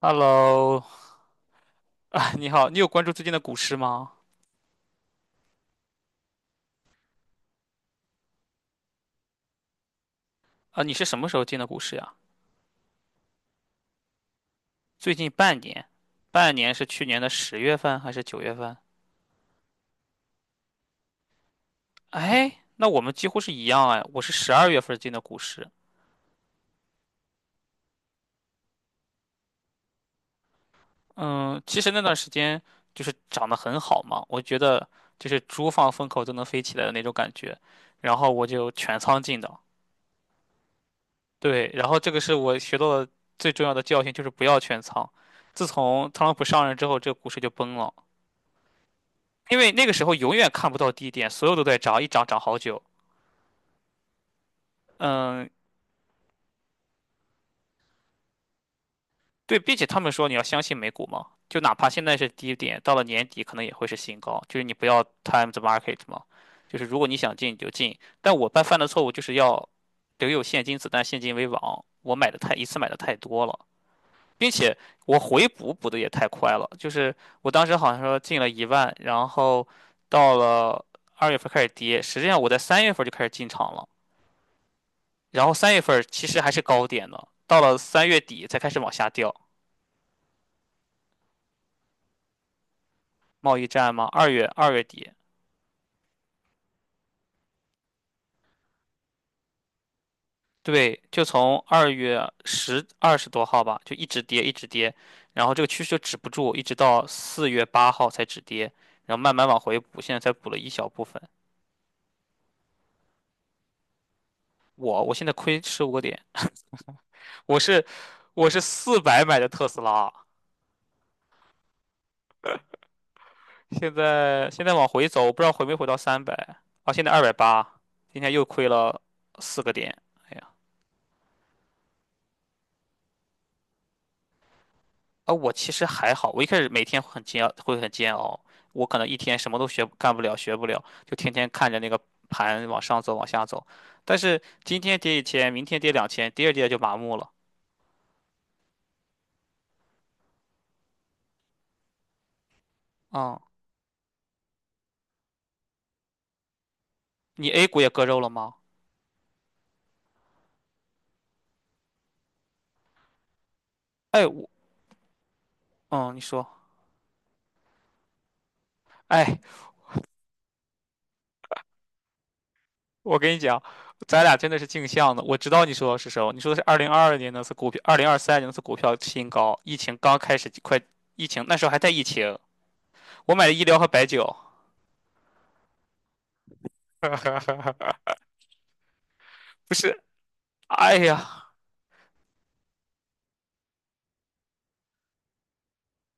Hello，啊，你好，你有关注最近的股市吗？啊，你是什么时候进的股市呀？最近半年，半年是去年的10月份还是9月份？哎，那我们几乎是一样哎，我是12月份进的股市。嗯，其实那段时间就是涨得很好嘛，我觉得就是猪放风口都能飞起来的那种感觉，然后我就全仓进的。对，然后这个是我学到的最重要的教训，就是不要全仓。自从特朗普上任之后，这个股市就崩了。因为那个时候永远看不到低点，所有都在涨，一涨涨好久。嗯，对，并且他们说你要相信美股嘛，就哪怕现在是低点，到了年底可能也会是新高，就是你不要 time the market 嘛，就是如果你想进你就进。但我犯的错误就是要留有现金子弹，现金为王，我买的太一次买的太多了。并且我回补的也太快了，就是我当时好像说进了一万，然后到了二月份开始跌，实际上我在三月份就开始进场了。然后三月份其实还是高点呢，到了3月底才开始往下掉。贸易战嘛，二月底，对，就从二月十二十多号吧，就一直跌一直跌，然后这个趋势就止不住，一直到4月8号才止跌，然后慢慢往回补，现在才补了一小部分。我现在亏15个点，我是我是400买的特斯拉，现在往回走，我不知道回没回到三百，啊，现在280，今天又亏了4个点。哎呀。啊，我其实还好，我一开始每天会很煎熬，我可能一天什么都学不干不了，学不了，就天天看着那个盘往上走，往下走。但是今天跌一千，明天跌两千，第二跌就麻木了。嗯，你 A 股也割肉了吗？哎，嗯，你说，哎，我跟你讲，咱俩真的是镜像的。我知道你说的是什么，你说的是2022年那次股票，2023年那次股票新高，疫情刚开始，快疫情那时候还在疫情，我买的医疗和白酒，不是，哎呀，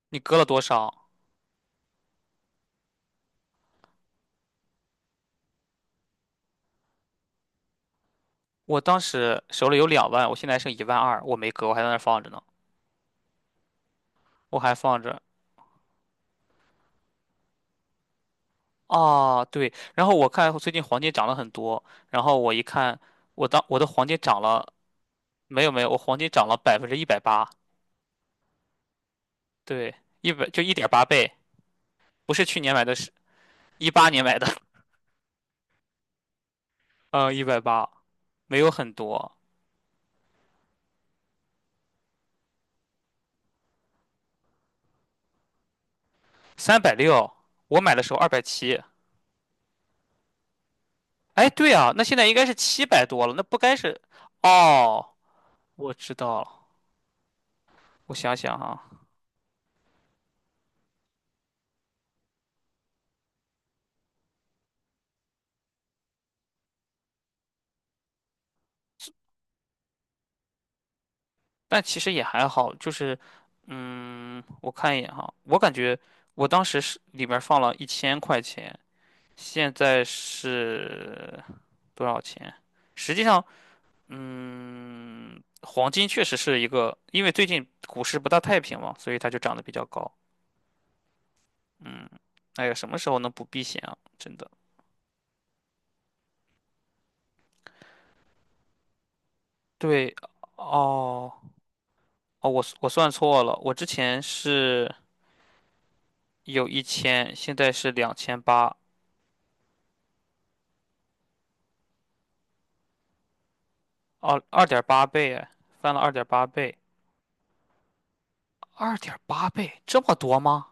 你割了多少？我当时手里有2万，我现在还剩1.2万，我没割，我还在那儿放着呢，我还放着。啊，对，然后我看最近黄金涨了很多，然后我一看，我的黄金涨了，没有没有，我黄金涨了180%，对，一百就1.8倍，不是去年买的，是一八年买的，嗯，180没有很多，360，我买的时候270，哎，对啊，那现在应该是700多了，那不该是，哦，我知道了，我想想啊。但其实也还好，就是，嗯，我看一眼哈，我感觉我当时是里面放了一千块钱，现在是多少钱？实际上，嗯，黄金确实是一个，因为最近股市不大太平嘛，所以它就涨得比较高。嗯，哎呀，什么时候能不避险啊？真的。对，哦，哦，我算错了，我之前是有一千，现在是2800，哦，二点八倍哎，翻了二点八倍，二点八倍这么多吗？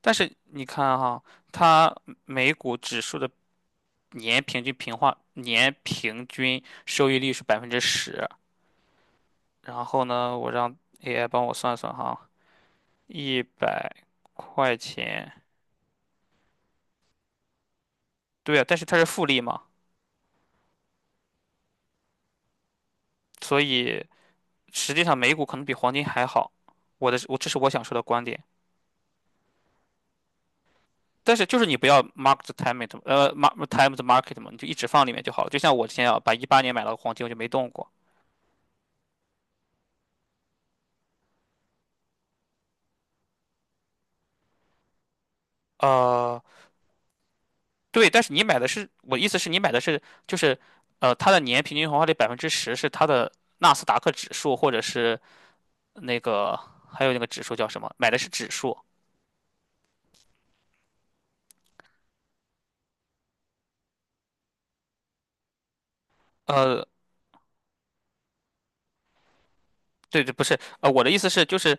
但是你看哈，它美股指数的年平均收益率是百分之十，然后呢，我让 AI 帮我算算哈，100块钱，对啊，但是它是复利嘛，所以实际上美股可能比黄金还好。我这是我想说的观点。但是就是你不要 mark time the market 嘛，你就一直放里面就好了。就像我之前啊，把一八年买了个黄金，我就没动过。呃，对，但是你买的是，我意思是你买的是就是，它的年平均回报率百分之十是它的纳斯达克指数，或者是那个还有那个指数叫什么？买的是指数。呃，对对，不是，我的意思是就是。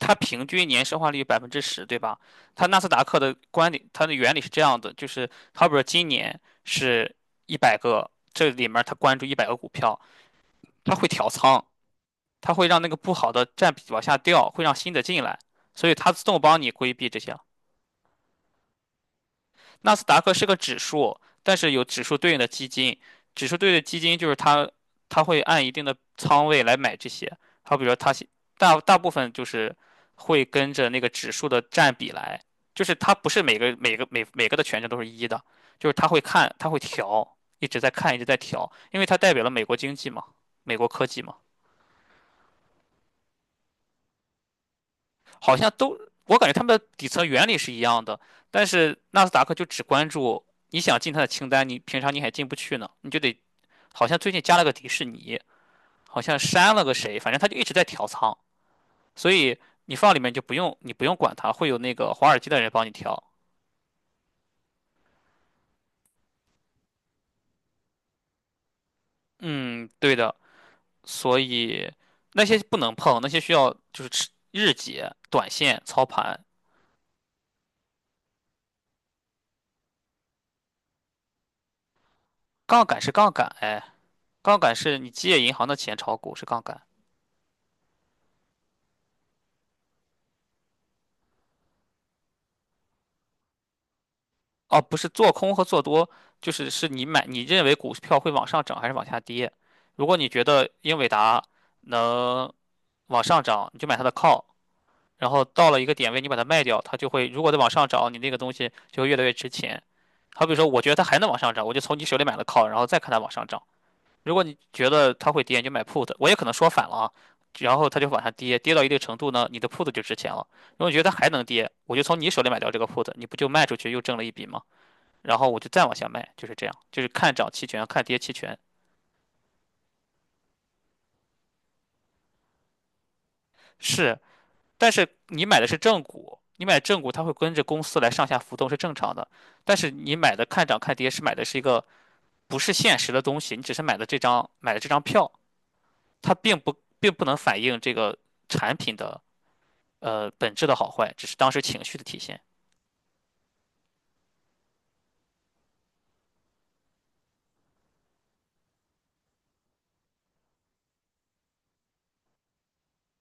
它平均年生化率百分之十，对吧？它纳斯达克的观点，它的原理是这样的，就是好比说今年是一百个，这里面它关注100个股票，它会调仓，它会让那个不好的占比往下掉，会让新的进来，所以它自动帮你规避这些纳斯达克是个指数，但是有指数对应的基金，指数对应的基金就是它，它会按一定的仓位来买这些。好，比如说它是大部分就是会跟着那个指数的占比来，就是它不是每个的权重都是一的，就是它会看，它会调，一直在看，一直在调，因为它代表了美国经济嘛，美国科技嘛，好像都我感觉他们的底层原理是一样的，但是纳斯达克就只关注。你想进它的清单，你平常你还进不去呢，你就得好像最近加了个迪士尼，好像删了个谁，反正他就一直在调仓，所以你放里面就不用你不用管它，会有那个华尔街的人帮你调。嗯，对的，所以那些不能碰，那些需要就是吃日结、短线、操盘。杠杆是杠杆，哎，杠杆是你借银行的钱炒股是杠杆，哦，不是做空和做多，就是你买你认为股票会往上涨还是往下跌。如果你觉得英伟达能往上涨，你就买它的靠。然后到了一个点位，你把它卖掉，它就会如果再往上涨，你那个东西就会越来越值钱。好比说，我觉得它还能往上涨，我就从你手里买了 call，然后再看它往上涨。如果你觉得它会跌，你就买 put。我也可能说反了啊，然后它就往下跌，跌到一定程度呢，你的 put 就值钱了。如果你觉得它还能跌，我就从你手里买掉这个 put，你不就卖出去又挣了一笔吗？然后我就再往下卖，就是这样，就是看涨期权，看跌期权，是，但是你买的是正股，你买正股它会跟着公司来上下浮动是正常的。但是你买的看涨看跌是买的是一个不是现实的东西，你只是买的这张票，它并不能反映这个产品的本质的好坏，只是当时情绪的体现。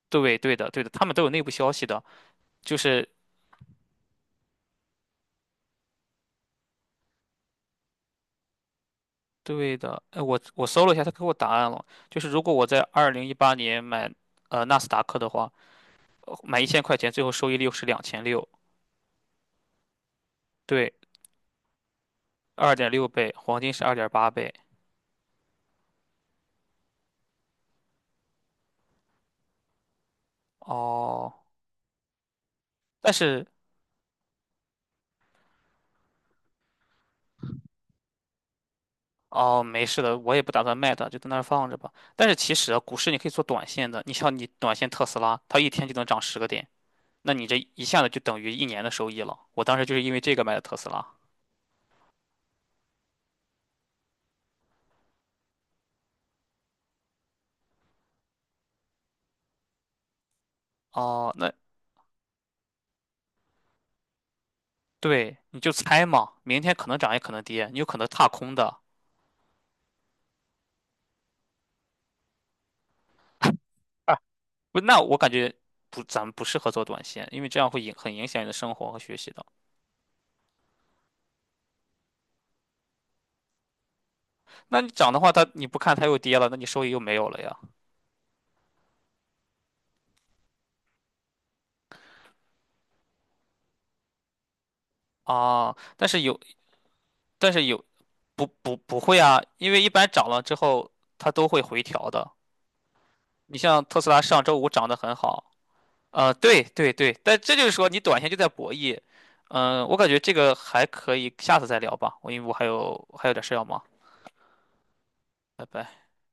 对，对的，对的，他们都有内部消息的，就是对的。我搜了一下，他给我答案了，就是如果我在2018年买纳斯达克的话，买一千块钱，最后收益率是2600。对，2.6倍，黄金是二点八倍。哦，但是哦，没事的，我也不打算卖它，就在那儿放着吧。但是其实啊，股市你可以做短线的，你像你短线特斯拉，它一天就能涨10个点，那你这一下子就等于一年的收益了。我当时就是因为这个买的特斯拉。哦，那对，你就猜嘛，明天可能涨也可能跌，你有可能踏空的。啊，不，那我感觉不，咱们不适合做短线，因为这样会影响你的生活和学习的。那你涨的话，它你不看它又跌了，那你收益又没有了呀。啊，但是有不会啊，因为一般涨了之后它都会回调的。你像特斯拉上周五涨得很好，对对对，但这就是说你短线就在博弈，嗯、我感觉这个还可以，下次再聊吧，我因为我还有点事要忙，拜拜。